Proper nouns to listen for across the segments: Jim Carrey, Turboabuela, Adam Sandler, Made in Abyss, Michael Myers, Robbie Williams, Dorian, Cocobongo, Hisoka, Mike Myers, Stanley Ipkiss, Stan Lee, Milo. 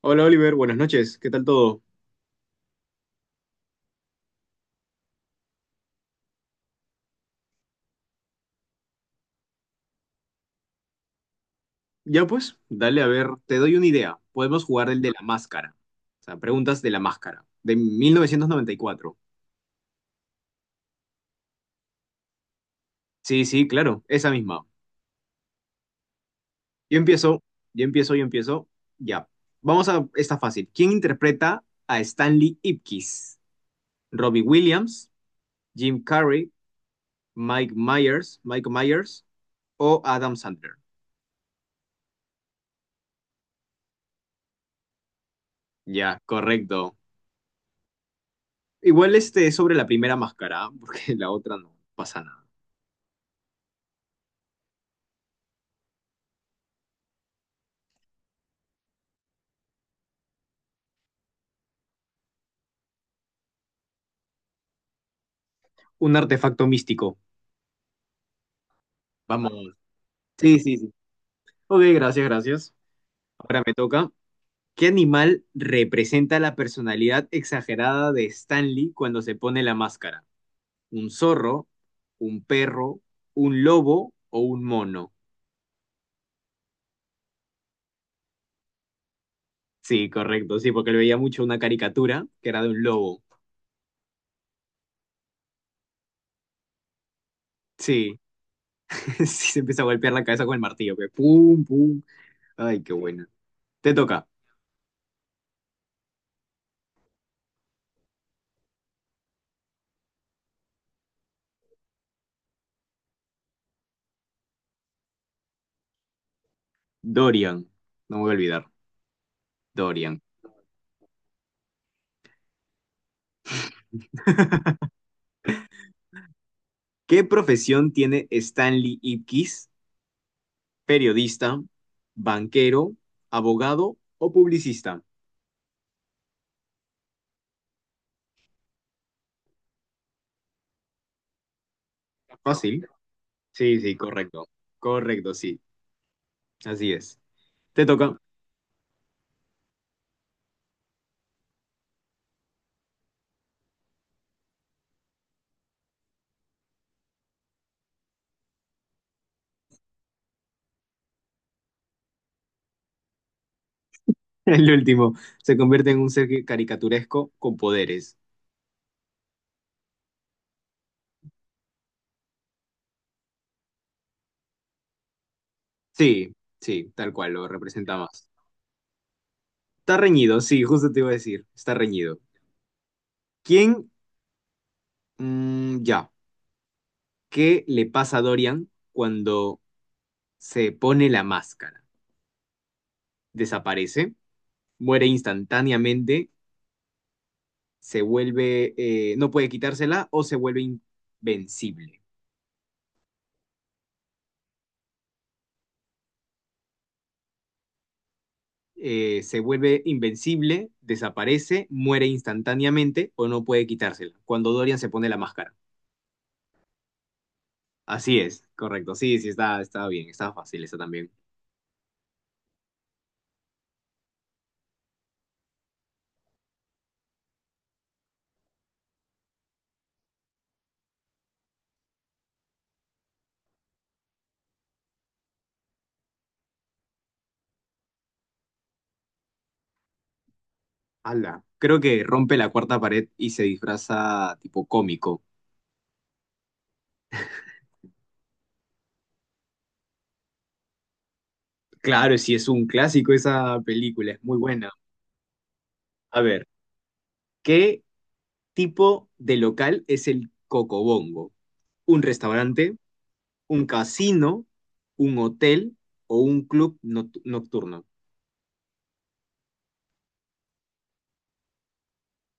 Hola Oliver, buenas noches, ¿qué tal todo? Ya pues, dale a ver, te doy una idea. Podemos jugar el de la máscara. O sea, preguntas de la máscara, de 1994. Sí, sí, claro, esa misma. Yo empiezo, yo empiezo. Ya. Vamos a esta fácil. ¿Quién interpreta a Stanley Ipkiss? ¿Robbie Williams, Jim Carrey, Michael Myers o Adam Sandler? Ya, correcto. Igual este es sobre la primera máscara, porque la otra no pasa nada. Un artefacto místico. Vamos. Sí, sí, sí. Ok, gracias, gracias. Ahora me toca. ¿Qué animal representa la personalidad exagerada de Stanley cuando se pone la máscara? ¿Un zorro, un perro, un lobo o un mono? Sí, correcto, sí, porque le veía mucho una caricatura que era de un lobo. Sí, sí, se empieza a golpear la cabeza con el martillo, que pum, pum. Ay, qué buena. Te toca. Dorian, no me voy a olvidar. Dorian. ¿Qué profesión tiene Stanley Ipkiss? Periodista, banquero, abogado o publicista. Fácil. Sí, sí, correcto. Correcto, sí. Así es. Te toca. El último. Se convierte en un ser caricaturesco con poderes. Sí, sí, tal cual, lo representa más. Está reñido, sí, justo te iba a decir. Está reñido. ¿Quién? Ya. ¿Qué le pasa a Dorian cuando se pone la máscara? ¿Desaparece? ¿Muere instantáneamente? Se vuelve, no puede quitársela o se vuelve invencible. Se vuelve invencible, desaparece, muere instantáneamente o no puede quitársela. Cuando Dorian se pone la máscara. Así es, correcto. Sí, sí, está, está bien, está fácil, esa también. Ala, creo que rompe la cuarta pared y se disfraza tipo cómico. Claro, sí, es un clásico esa película, es muy buena. A ver, ¿qué tipo de local es el Cocobongo? ¿Un restaurante? ¿Un casino, un hotel o un club nocturno?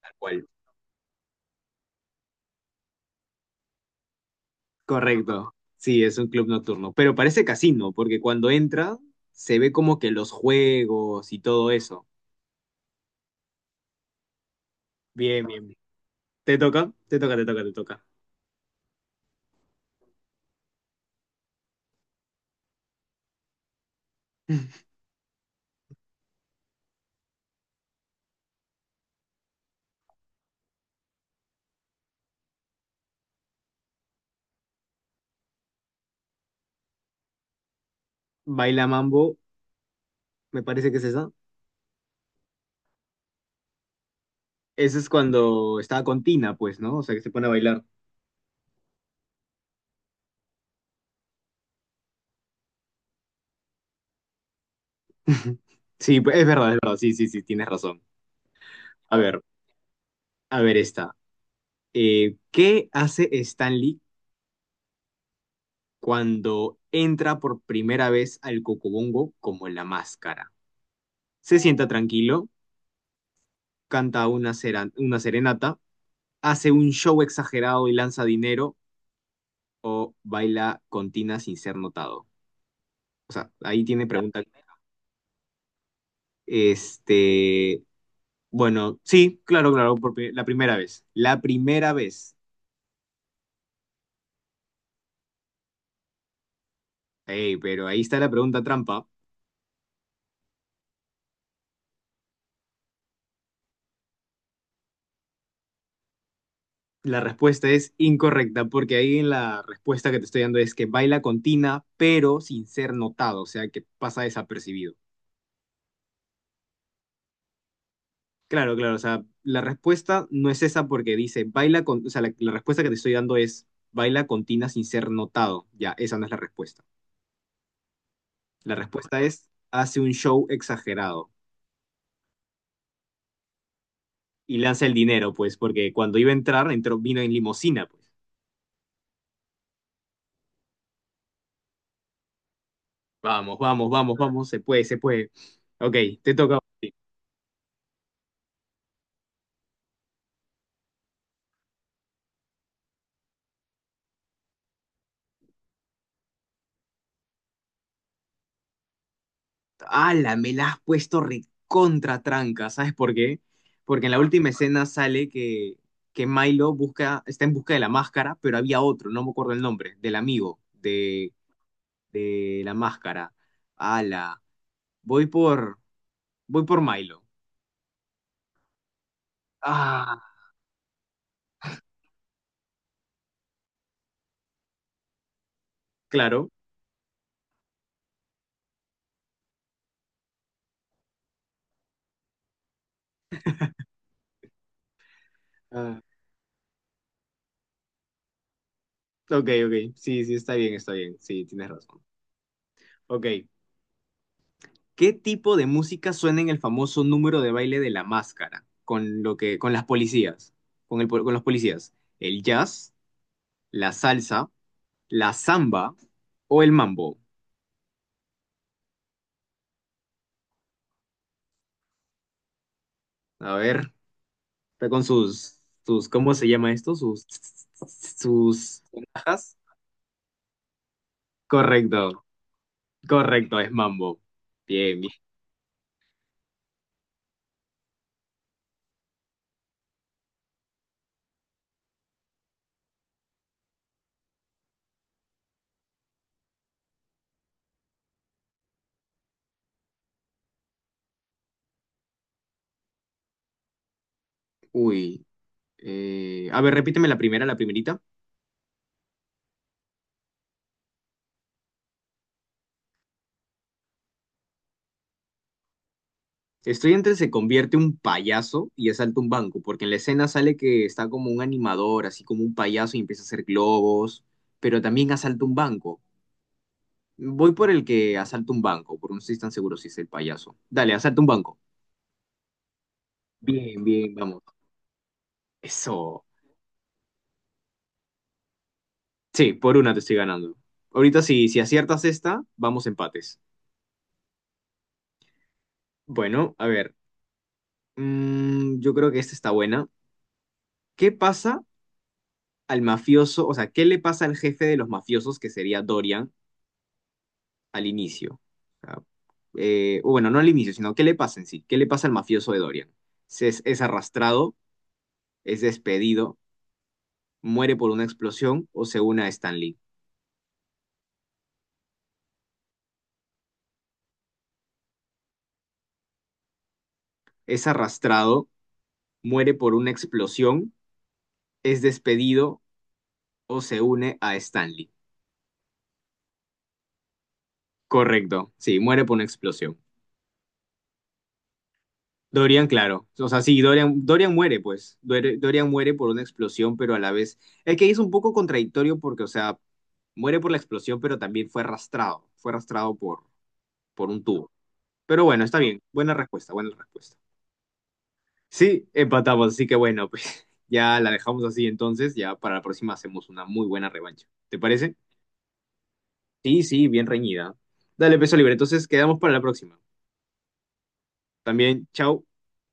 Tal cual. Correcto. Sí, es un club nocturno. Pero parece casino, porque cuando entra se ve como que los juegos y todo eso. Bien, bien, bien. ¿Te toca? Te toca, te toca. Baila mambo, me parece que es esa. Ese es cuando estaba con Tina, pues, ¿no? O sea, que se pone a bailar. Sí, pues, es verdad, es verdad. Sí, sí, sí, tienes razón. A ver, a ver esta. ¿Qué hace Stanley cuando entra por primera vez al Cocobongo como la máscara? Se sienta tranquilo, canta una, una serenata, hace un show exagerado y lanza dinero o baila con Tina sin ser notado. O sea, ahí tiene pregunta. Este, bueno, sí, claro, claro, la primera vez. La primera vez. Ey, pero ahí está la pregunta trampa. La respuesta es incorrecta, porque ahí en la respuesta que te estoy dando es que baila con Tina, pero sin ser notado, o sea, que pasa desapercibido. Claro, claro, o sea, la respuesta no es esa porque dice baila con, o sea, la respuesta que te estoy dando es baila con Tina sin ser notado. Ya, esa no es la respuesta. La respuesta es hace un show exagerado y lanza el dinero, pues, porque cuando iba a entrar, entró, vino en limusina, pues. Vamos, vamos, vamos, vamos, se puede, se puede. Ok, te toca. Ala, me la has puesto recontra tranca, ¿sabes por qué? Porque en la última escena sale que Milo busca, está en busca de la máscara, pero había otro, no me acuerdo el nombre, del amigo de la máscara. Ala, voy por, voy por Milo. Ah, claro. Ah, ok, ok, sí, sí, está bien, sí, tienes razón. Ok, ¿qué tipo de música suena en el famoso número de baile de la máscara con lo que con las policías, con el con los policías? ¿El jazz, la salsa, la samba o el mambo? A ver, está con sus sus ¿cómo se llama esto? Sus sus sonajas. Correcto. Correcto, es mambo. Bien, bien. Uy, a ver, repíteme la primera, la primerita. Estoy entre se convierte un payaso y asalta un banco, porque en la escena sale que está como un animador, así como un payaso y empieza a hacer globos, pero también asalta un banco. Voy por el que asalta un banco, porque no estoy tan seguro si es el payaso. Dale, asalta un banco. Bien, bien, vamos. Eso. Sí, por una te estoy ganando. Ahorita si, si aciertas esta, vamos empates. Bueno, a ver. Yo creo que esta está buena. ¿Qué pasa al mafioso? O sea, ¿qué le pasa al jefe de los mafiosos, que sería Dorian? Al inicio. O sea, o bueno, no al inicio, sino qué le pasa en sí, qué le pasa al mafioso de Dorian. Es arrastrado, es despedido, muere por una explosión o se une a Stan Lee. Es arrastrado, muere por una explosión, es despedido o se une a Stan Lee. Correcto, sí, muere por una explosión. Dorian, claro. O sea, sí, Dorian, Dorian muere, pues. Dorian muere por una explosión, pero a la vez. Es que es un poco contradictorio porque, o sea, muere por la explosión, pero también fue arrastrado. Fue arrastrado por un tubo. Pero bueno, está bien. Buena respuesta, buena respuesta. Sí, empatamos, así que bueno, pues ya la dejamos así entonces. Ya para la próxima hacemos una muy buena revancha. ¿Te parece? Sí, sí, bien reñida. Dale, peso libre. Entonces quedamos para la próxima. También, chao.